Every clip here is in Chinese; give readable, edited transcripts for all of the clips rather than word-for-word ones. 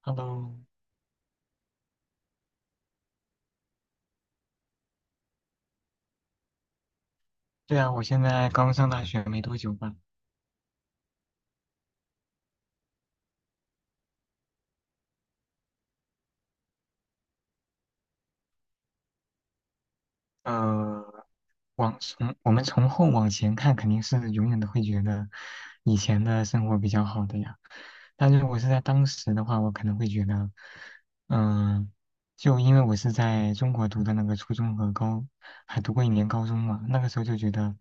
Hello，对啊，我现在刚上大学没多久吧。呃，从我们从后往前看，肯定是永远都会觉得以前的生活比较好的呀。但是，我是在当时的话，我可能会觉得，嗯、就因为我是在中国读的那个初中和还读过一年高中嘛，那个时候就觉得，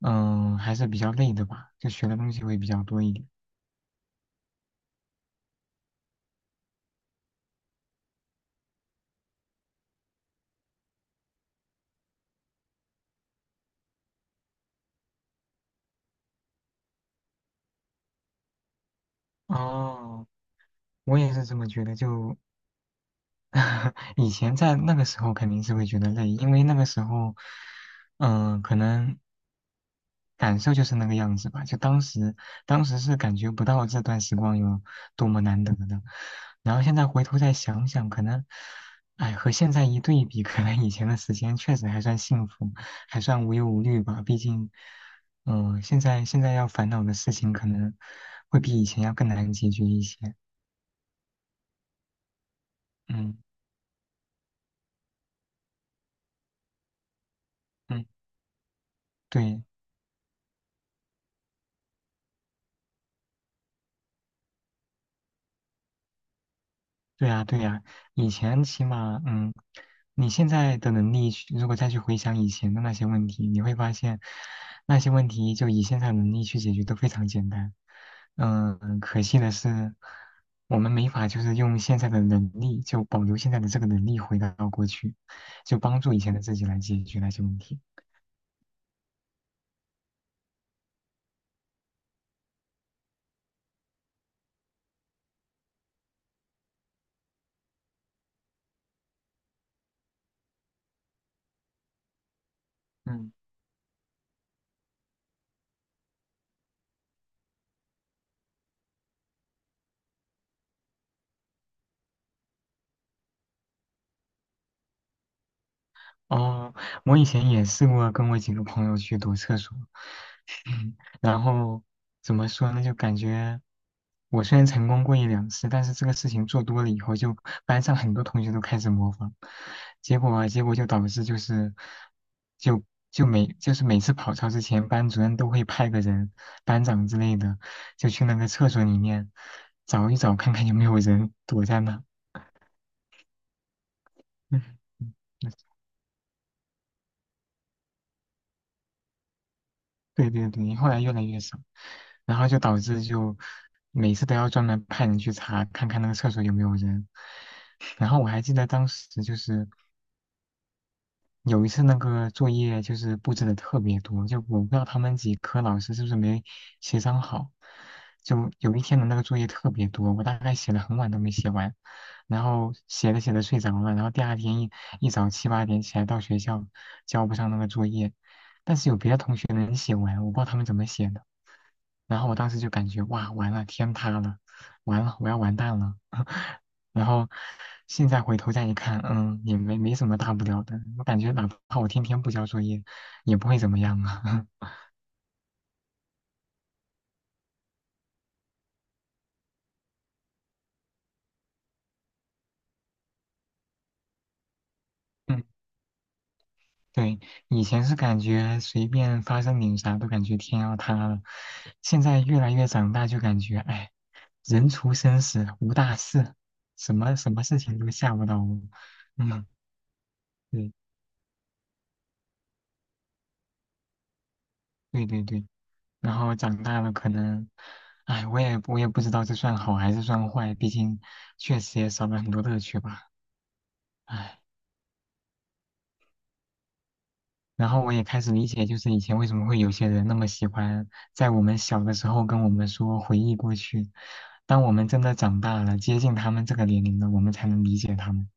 还是比较累的吧，就学的东西会比较多一点。哦，我也是这么觉得，就 以前在那个时候肯定是会觉得累，因为那个时候，可能感受就是那个样子吧。就当时是感觉不到这段时光有多么难得的。然后现在回头再想想，可能，哎，和现在一对比，可能以前的时间确实还算幸福，还算无忧无虑吧。毕竟，现在要烦恼的事情可能会比以前要更难解决一些。嗯嗯，对。对呀，对呀，以前起码，你现在的能力去如果再去回想以前的那些问题，你会发现，那些问题就以现在的能力去解决都非常简单。嗯，可惜的是，我们没法就是用现在的能力，就保留现在的这个能力回到过去，就帮助以前的自己来解决那些问题。嗯哦，我以前也试过跟我几个朋友去躲厕所，然后怎么说呢？就感觉我虽然成功过一两次，但是这个事情做多了以后，就班上很多同学都开始模仿，结果就导致就是就就每就是每次跑操之前，班主任都会派个人，班长之类的，就去那个厕所里面找一找，看看有没有人躲在那。对对对，后来越来越少，然后就导致每次都要专门派人去查，看看那个厕所有没有人。然后我还记得当时就是，有一次那个作业就是布置的特别多，就我不知道他们几科老师是不是没协商好，就有一天的那个作业特别多，我大概写了很晚都没写完，然后写着写着睡着了，然后第二天一早七八点起来到学校交不上那个作业，但是有别的同学能写完，我不知道他们怎么写的，然后我当时就感觉哇完了天塌了，完了我要完蛋了，然后现在回头再一看，嗯，也没什么大不了的。我感觉哪怕我天天不交作业，也不会怎么样啊。嗯，对，以前是感觉随便发生点啥都感觉天要塌了，现在越来越长大就感觉，哎，人除生死无大事，什么什么事情都吓不到我。嗯，对对对对。然后长大了可能，哎，我也不知道这算好还是算坏，毕竟确实也少了很多乐趣吧。唉。然后我也开始理解，就是以前为什么会有些人那么喜欢在我们小的时候跟我们说回忆过去，当我们真的长大了，接近他们这个年龄了，我们才能理解他们。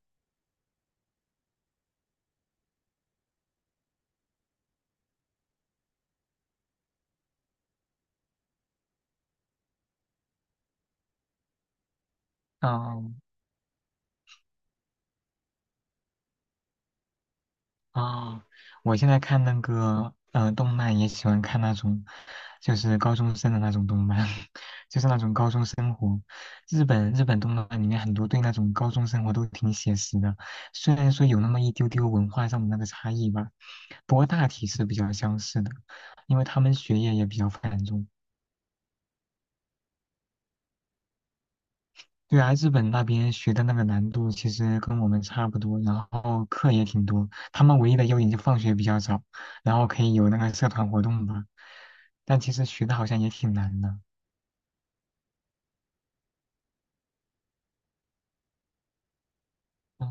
嗯、啊，我现在看那个动漫，也喜欢看那种就是高中生的那种动漫，就是那种高中生活。日本动漫里面很多对那种高中生活都挺写实的，虽然说有那么一丢丢文化上的那个差异吧，不过大体是比较相似的，因为他们学业也比较繁重。对啊，日本那边学的那个难度其实跟我们差不多，然后课也挺多。他们唯一的优点就放学比较早，然后可以有那个社团活动吧。但其实学的好像也挺难的。哦，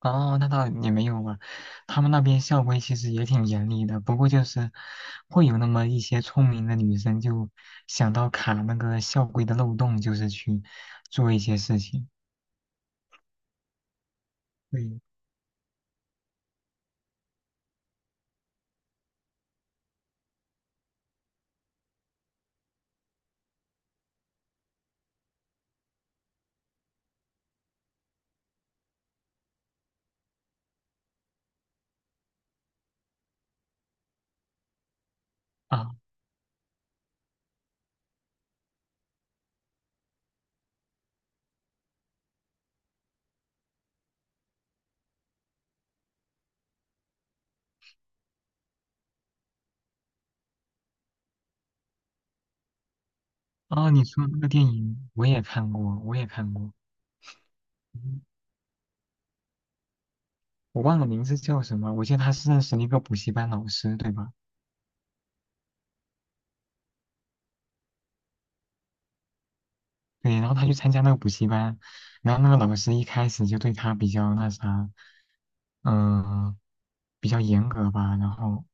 哦，那倒也没有吧。他们那边校规其实也挺严厉的，不过就是会有那么一些聪明的女生就想到卡那个校规的漏洞，就是去做一些事情。对啊，哦，你说那个电影我也看过，我也看过。嗯，我忘了名字叫什么，我记得他是认识了一个补习班老师，对吧？对，然后他去参加那个补习班，然后那个老师一开始就对他比较那啥，嗯、比较严格吧，然后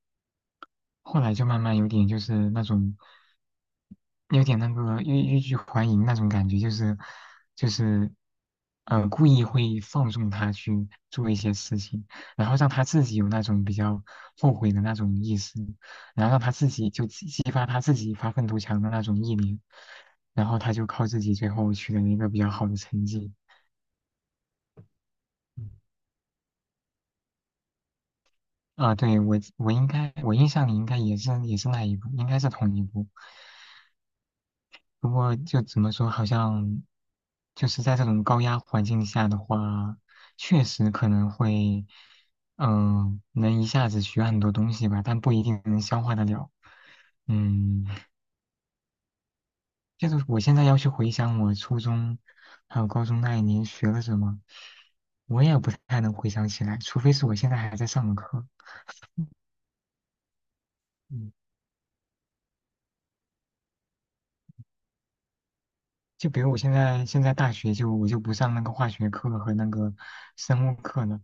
后来就慢慢有点就是那种，有点那个欲拒还迎那种感觉，就是，故意会放纵他去做一些事情，然后让他自己有那种比较后悔的那种意识，然后让他自己就激发他自己发愤图强的那种意念，然后他就靠自己最后取得了一个比较好的成绩。嗯啊，对，我应该我印象里应该也是那一部，应该是同一部。不过就怎么说，好像就是在这种高压环境下的话，确实可能会，能一下子学很多东西吧，但不一定能消化得了。嗯，就是我现在要去回想我初中还有高中那一年学了什么，我也不太能回想起来，除非是我现在还在上的课。嗯，就比如我现在大学我就不上那个化学课和那个生物课了，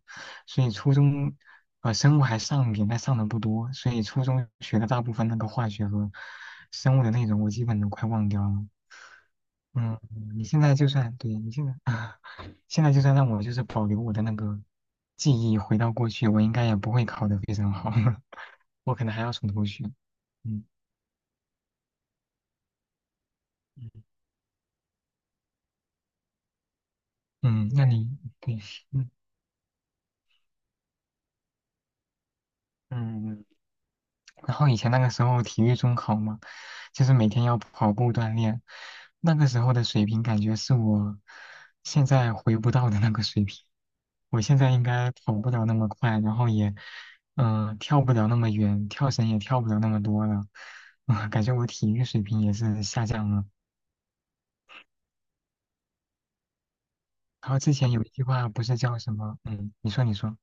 所以初中生物还上一点，但上的不多，所以初中学的大部分那个化学和生物的内容我基本都快忘掉了。嗯，你现在就算对你现在 现在就算让我就是保留我的那个记忆回到过去，我应该也不会考得非常好，我可能还要从头学。嗯嗯嗯，那你对嗯嗯嗯。然后以前那个时候体育中考嘛，就是每天要跑步锻炼，那个时候的水平感觉是我现在回不到的那个水平。我现在应该跑不了那么快，然后也，跳不了那么远，跳绳也跳不了那么多了，啊，感觉我体育水平也是下降了。然后之前有一句话不是叫什么，嗯，你说。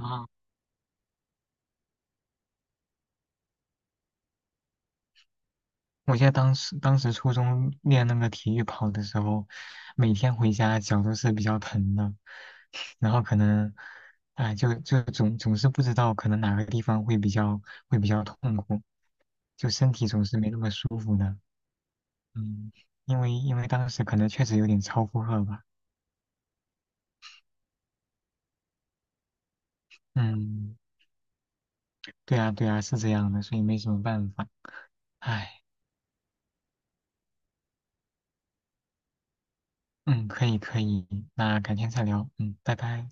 啊。我记得当时初中练那个体育跑的时候，每天回家脚都是比较疼的，然后可能，哎，就总是不知道可能哪个地方会比较痛苦，就身体总是没那么舒服的。嗯，因为当时可能确实有点超负荷吧。嗯，对啊对啊，是这样的，所以没什么办法。唉，嗯，可以可以，那改天再聊。嗯，拜拜。